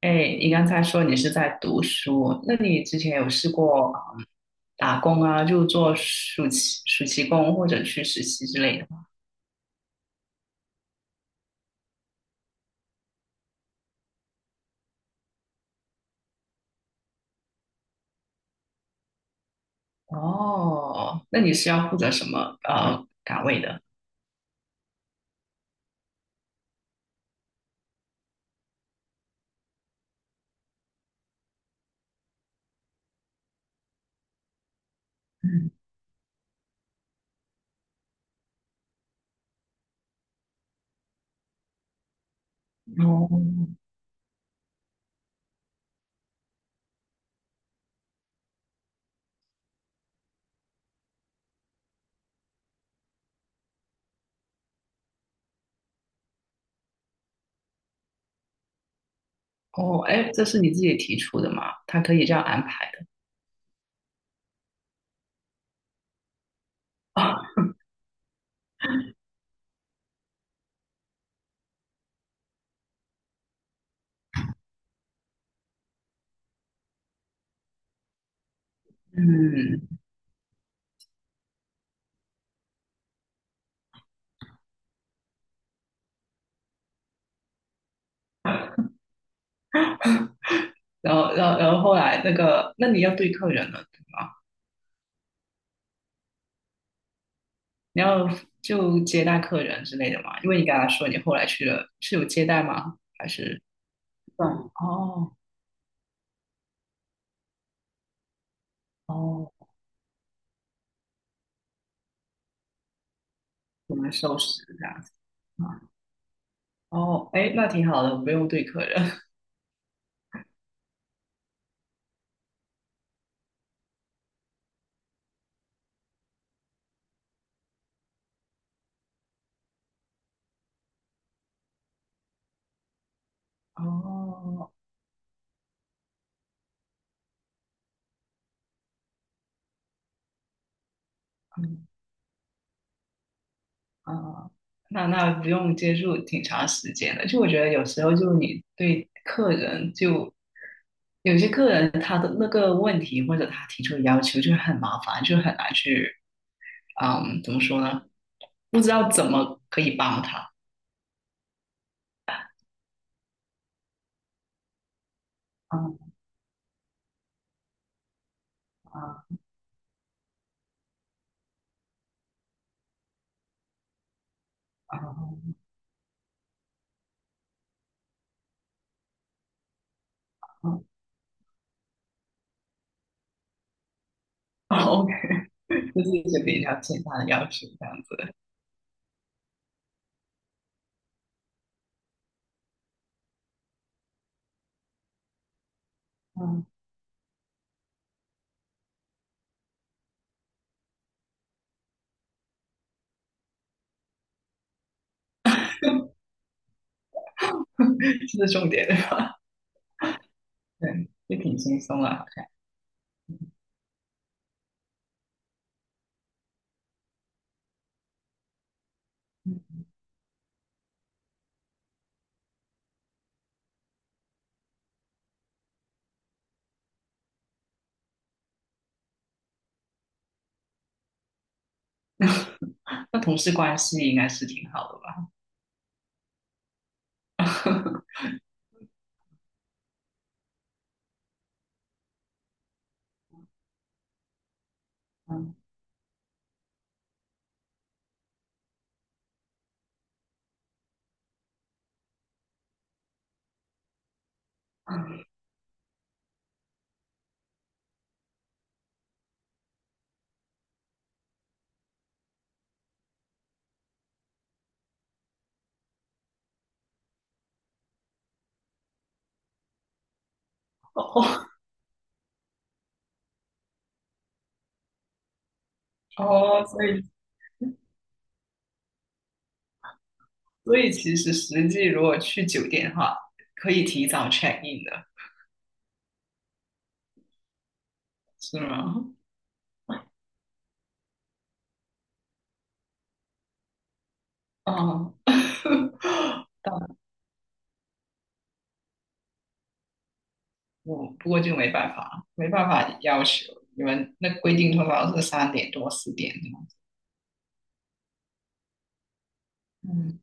哎，你刚才说你是在读书，那你之前有试过嗯打工啊，就做暑期工或者去实习之类的吗？哦，那你是要负责什么岗位的？嗯。哦哦，哎，这是你自己提出的吗？他可以这样安排的啊。 嗯。然后后来那个，那你要对客人了，对吗？你要就接待客人之类的吗？因为你刚才说你后来去了，是有接待吗？还是？对，哦。哦，我们收拾这样子。啊。哦，哎，那挺好的，我不用对客人。哦，嗯。啊，那那不用接触挺长时间的。就我觉得有时候就你对客人就有些客人他的那个问题或者他提出的要求就很麻烦，就很难去，嗯，怎么说呢？不知道怎么可以帮他。啊。啊啊啊啊 OK。 就是一些比较简单的要求这样子。嗯。这是重点对吧？对，也挺轻松的，好像。那同事关系应该是挺好的吧？嗯。哦。哦，所以其实实际如果去酒店的话，可以提早 check in 的，是吗？哦，但我不过就没办法，没办法要求你们那规定通常是三点多四点这样子。嗯，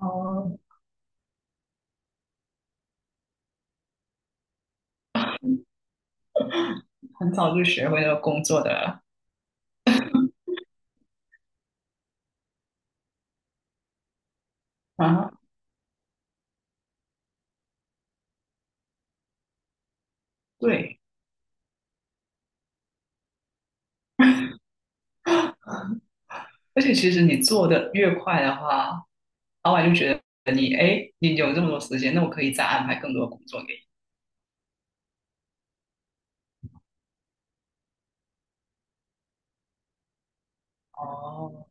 哦。很早就学会了工作的啊，对。而且其实你做的越快的话，老板就觉得你，哎，你有这么多时间，那我可以再安排更多的工作给你。哦。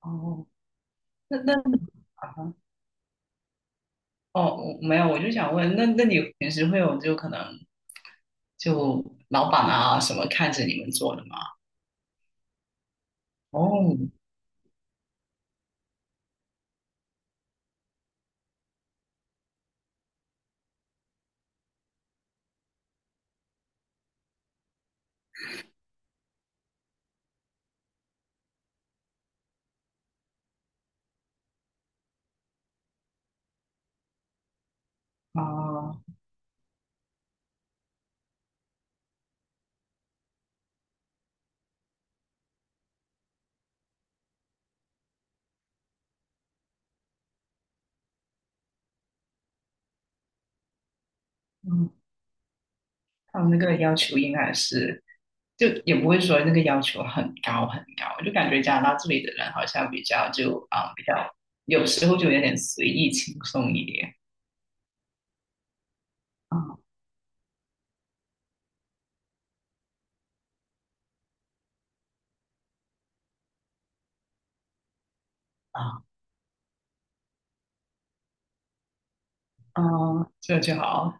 哦，那那啊，哦，我没有，我就想问，那那你平时会有就可能就老板啊什么看着你们做的吗？哦。啊。嗯，他们那个要求应该是，就也不会说那个要求很高很高，就感觉加拿大这里的人好像比较就啊、比较有时候就有点随意轻松一点。啊。啊。嗯，这就好。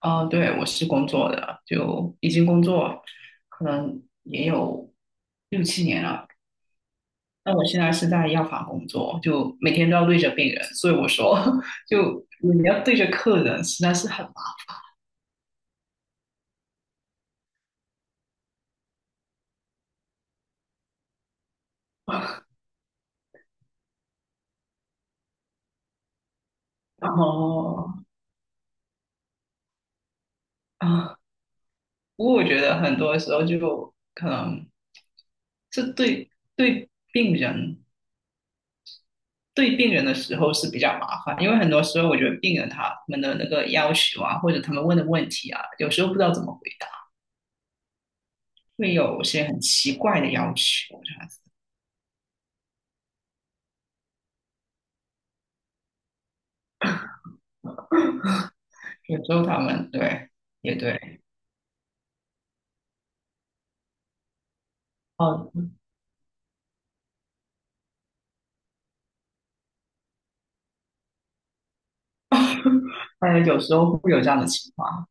哦，对，我是工作的，就已经工作，可能也有6 7 年了。那我现在是在药房工作，就每天都要对着病人，所以我说，就你要对着客人，实在是很忙。然后啊，不过我觉得很多时候就可能是对对病人对病人的时候是比较麻烦，因为很多时候我觉得病人他们的那个要求啊，或者他们问的问题啊，有时候不知道怎么回答，会有些很奇怪的要求这样子。有时候他们对也对。哦，呃，有时候会有这样的情况。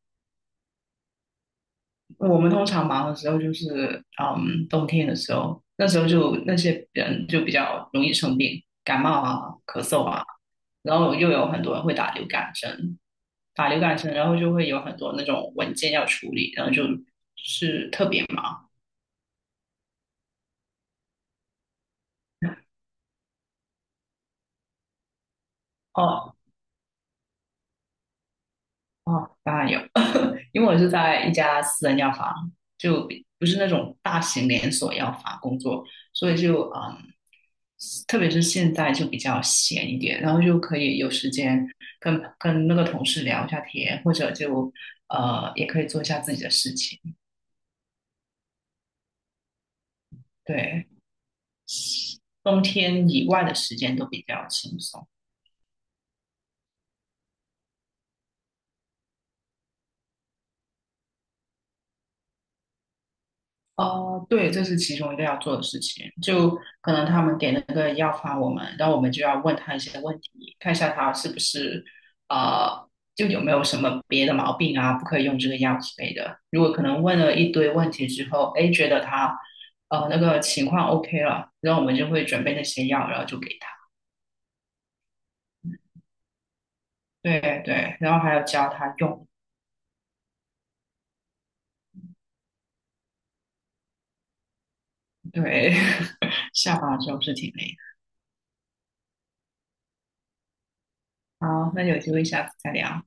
我们通常忙的时候就是嗯，冬天的时候，那时候就那些人就比较容易生病，感冒啊、咳嗽啊，然后又有很多人会打流感针，法律改成，然后就会有很多那种文件要处理，然后就是特别忙。哦。哦，当然有，因为我是在一家私人药房，就不是那种大型连锁药房工作，所以就嗯，特别是现在就比较闲一点，然后就可以有时间跟那个同事聊一下天，或者就也可以做一下自己的事情。对，冬天以外的时间都比较轻松。哦，对，这是其中一个要做的事情。就可能他们给那个药方我们，然后我们就要问他一些问题，看一下他是不是呃，就有没有什么别的毛病啊，不可以用这个药之类的。如果可能问了一堆问题之后，哎，觉得他那个情况 OK 了，然后我们就会准备那些药，然后就给他。对。对，然后还要教他用。对，下班之后是挺累的。好，那有机会下次再聊。